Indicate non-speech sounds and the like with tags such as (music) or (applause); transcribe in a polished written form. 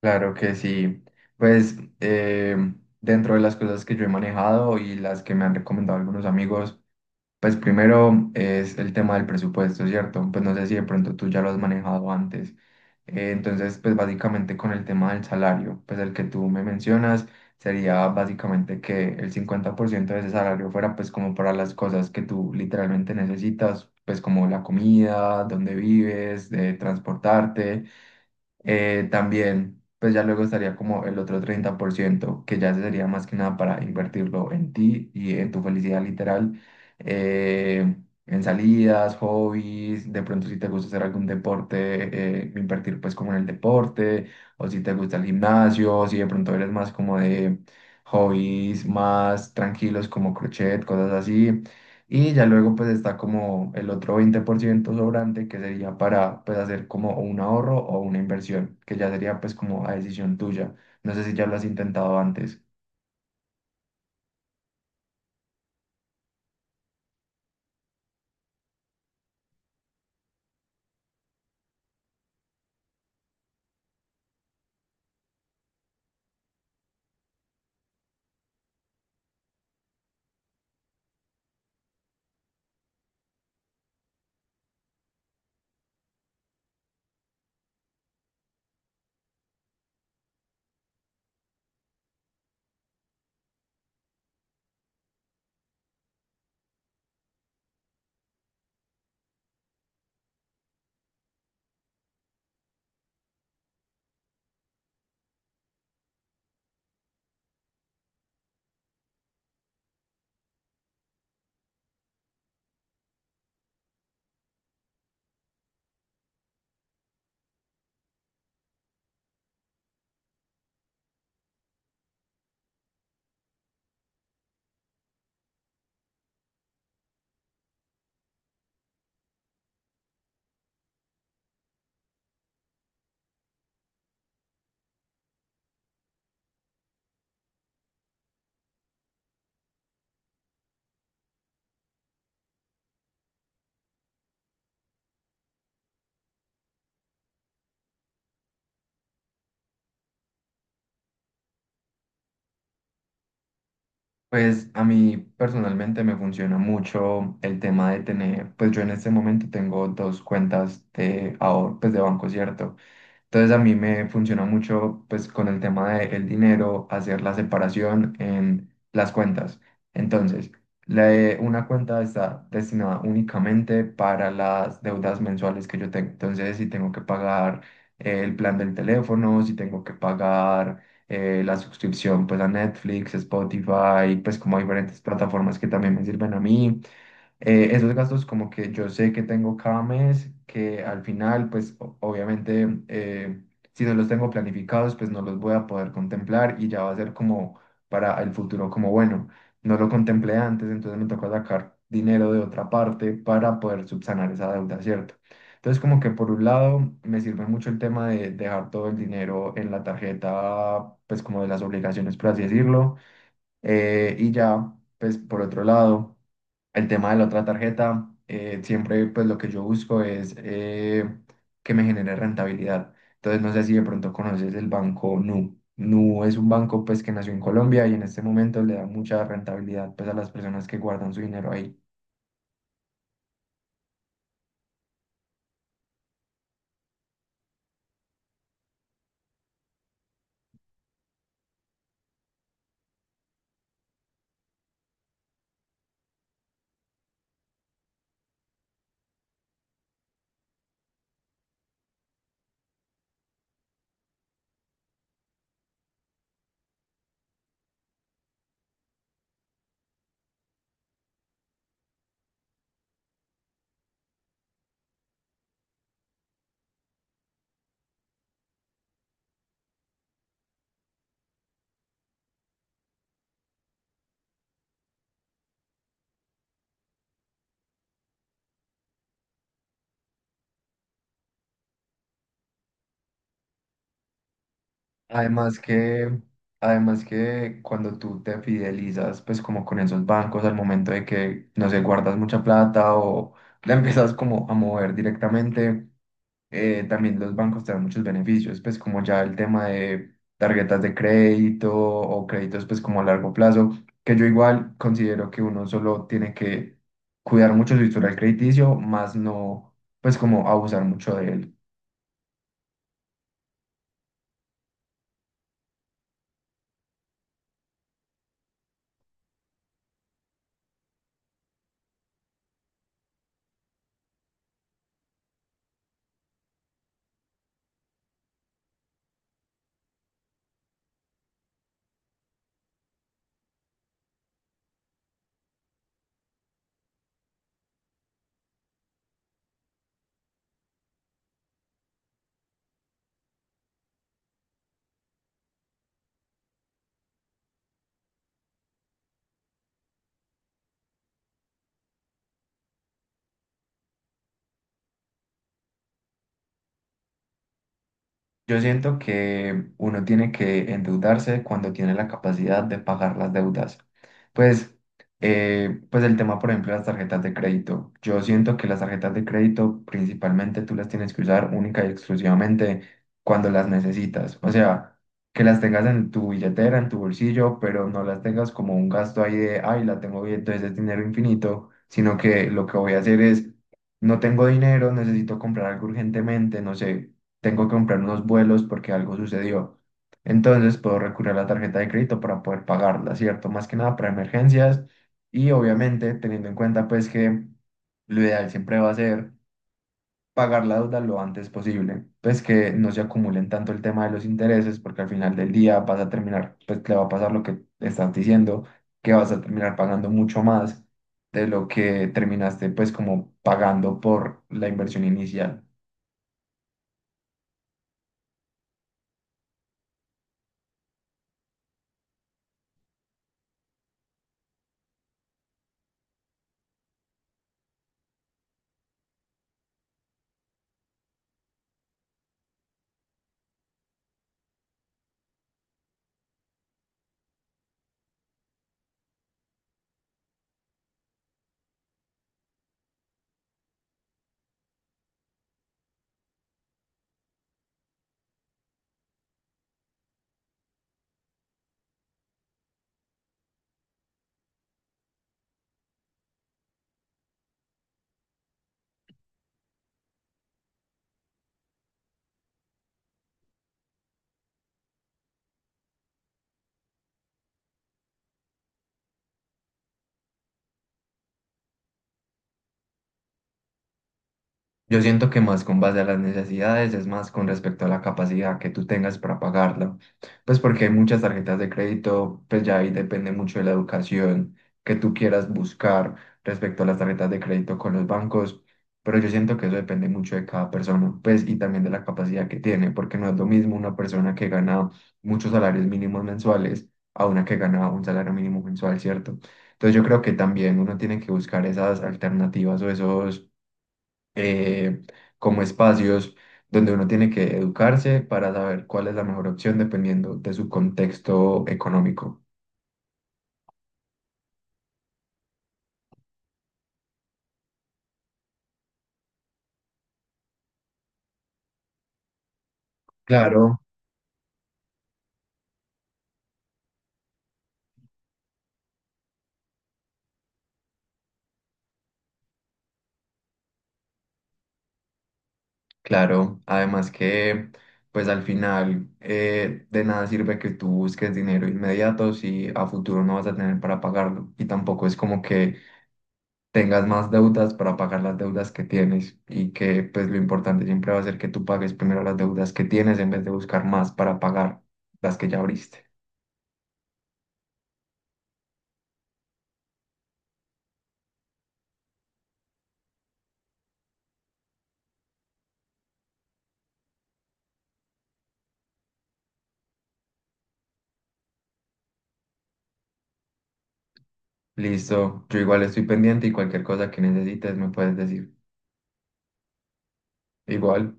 Claro que sí. Pues dentro de las cosas que yo he manejado y las que me han recomendado algunos amigos, pues primero es el tema del presupuesto, ¿cierto? Pues no sé si de pronto tú ya lo has manejado antes. Entonces, pues básicamente con el tema del salario, pues el que tú me mencionas sería básicamente que el 50% de ese salario fuera pues como para las cosas que tú literalmente necesitas, pues como la comida, dónde vives, de transportarte, también, pues ya luego estaría como el otro 30% que ya sería más que nada para invertirlo en ti y en tu felicidad literal, eh, en salidas, hobbies, de pronto si te gusta hacer algún deporte, invertir pues como en el deporte, o si te gusta el gimnasio, si de pronto eres más como de hobbies más tranquilos como crochet, cosas así, y ya luego pues está como el otro 20% sobrante que sería para pues hacer como un ahorro o una inversión, que ya sería pues como a decisión tuya. No sé si ya lo has intentado antes. Pues a mí personalmente me funciona mucho el tema de tener, pues yo en este momento tengo dos cuentas de ahorro, pues de banco, ¿cierto? Entonces a mí me funciona mucho pues con el tema del dinero, hacer la separación en las cuentas. Entonces, la- una cuenta está destinada únicamente para las deudas mensuales que yo tengo. Entonces, si tengo que pagar el plan del teléfono, si tengo que pagar la suscripción pues a Netflix, Spotify, pues como a diferentes plataformas que también me sirven a mí, esos gastos como que yo sé que tengo cada mes, que al final, pues obviamente, si no los tengo planificados, pues no los voy a poder contemplar y ya va a ser como para el futuro, como bueno, no lo contemplé antes, entonces me toca sacar dinero de otra parte para poder subsanar esa deuda, ¿cierto? Entonces como que por un lado me sirve mucho el tema de dejar todo el dinero en la tarjeta, pues como de las obligaciones, por así decirlo, y ya, pues por otro lado. El tema de la otra tarjeta, siempre pues lo que yo busco es que me genere rentabilidad. Entonces no sé si de pronto conoces el banco Nu. Nu es un banco pues que nació en Colombia y en este momento le da mucha rentabilidad pues a las personas que guardan su dinero ahí. Además que, además que cuando tú te fidelizas pues como con esos bancos al momento de que, no sé, guardas mucha plata o la (laughs) empiezas como a mover directamente, también los bancos te dan muchos beneficios, pues como ya el tema de tarjetas de crédito o créditos pues como a largo plazo, que yo igual considero que uno solo tiene que cuidar mucho su historial crediticio, más no pues como abusar mucho de él. Yo siento que uno tiene que endeudarse cuando tiene la capacidad de pagar las deudas. Pues, pues el tema, por ejemplo, de las tarjetas de crédito. Yo siento que las tarjetas de crédito principalmente tú las tienes que usar única y exclusivamente cuando las necesitas. O sea, que las tengas en tu billetera, en tu bolsillo, pero no las tengas como un gasto ahí de, ay, la tengo bien, entonces es dinero infinito, sino que lo que voy a hacer es... No tengo dinero, necesito comprar algo urgentemente, no sé, tengo que comprar unos vuelos porque algo sucedió. Entonces puedo recurrir a la tarjeta de crédito para poder pagarla, ¿cierto? Más que nada para emergencias y obviamente teniendo en cuenta pues que lo ideal siempre va a ser pagar la deuda lo antes posible, pues que no se acumulen tanto el tema de los intereses porque al final del día vas a terminar, pues te va a pasar lo que estás diciendo, que vas a terminar pagando mucho más de lo que terminaste pues como pagando por la inversión inicial. Yo siento que más con base a las necesidades es más con respecto a la capacidad que tú tengas para pagarla. Pues porque hay muchas tarjetas de crédito, pues ya ahí depende mucho de la educación que tú quieras buscar respecto a las tarjetas de crédito con los bancos. Pero yo siento que eso depende mucho de cada persona, pues y también de la capacidad que tiene, porque no es lo mismo una persona que gana muchos salarios mínimos mensuales a una que gana un salario mínimo mensual, ¿cierto? Entonces yo creo que también uno tiene que buscar esas alternativas o esos eh, como espacios donde uno tiene que educarse para saber cuál es la mejor opción dependiendo de su contexto económico. Claro. Claro, además que pues al final de nada sirve que tú busques dinero inmediato si a futuro no vas a tener para pagarlo y tampoco es como que tengas más deudas para pagar las deudas que tienes y que pues lo importante siempre va a ser que tú pagues primero las deudas que tienes en vez de buscar más para pagar las que ya abriste. Listo, yo igual estoy pendiente y cualquier cosa que necesites me puedes decir. Igual.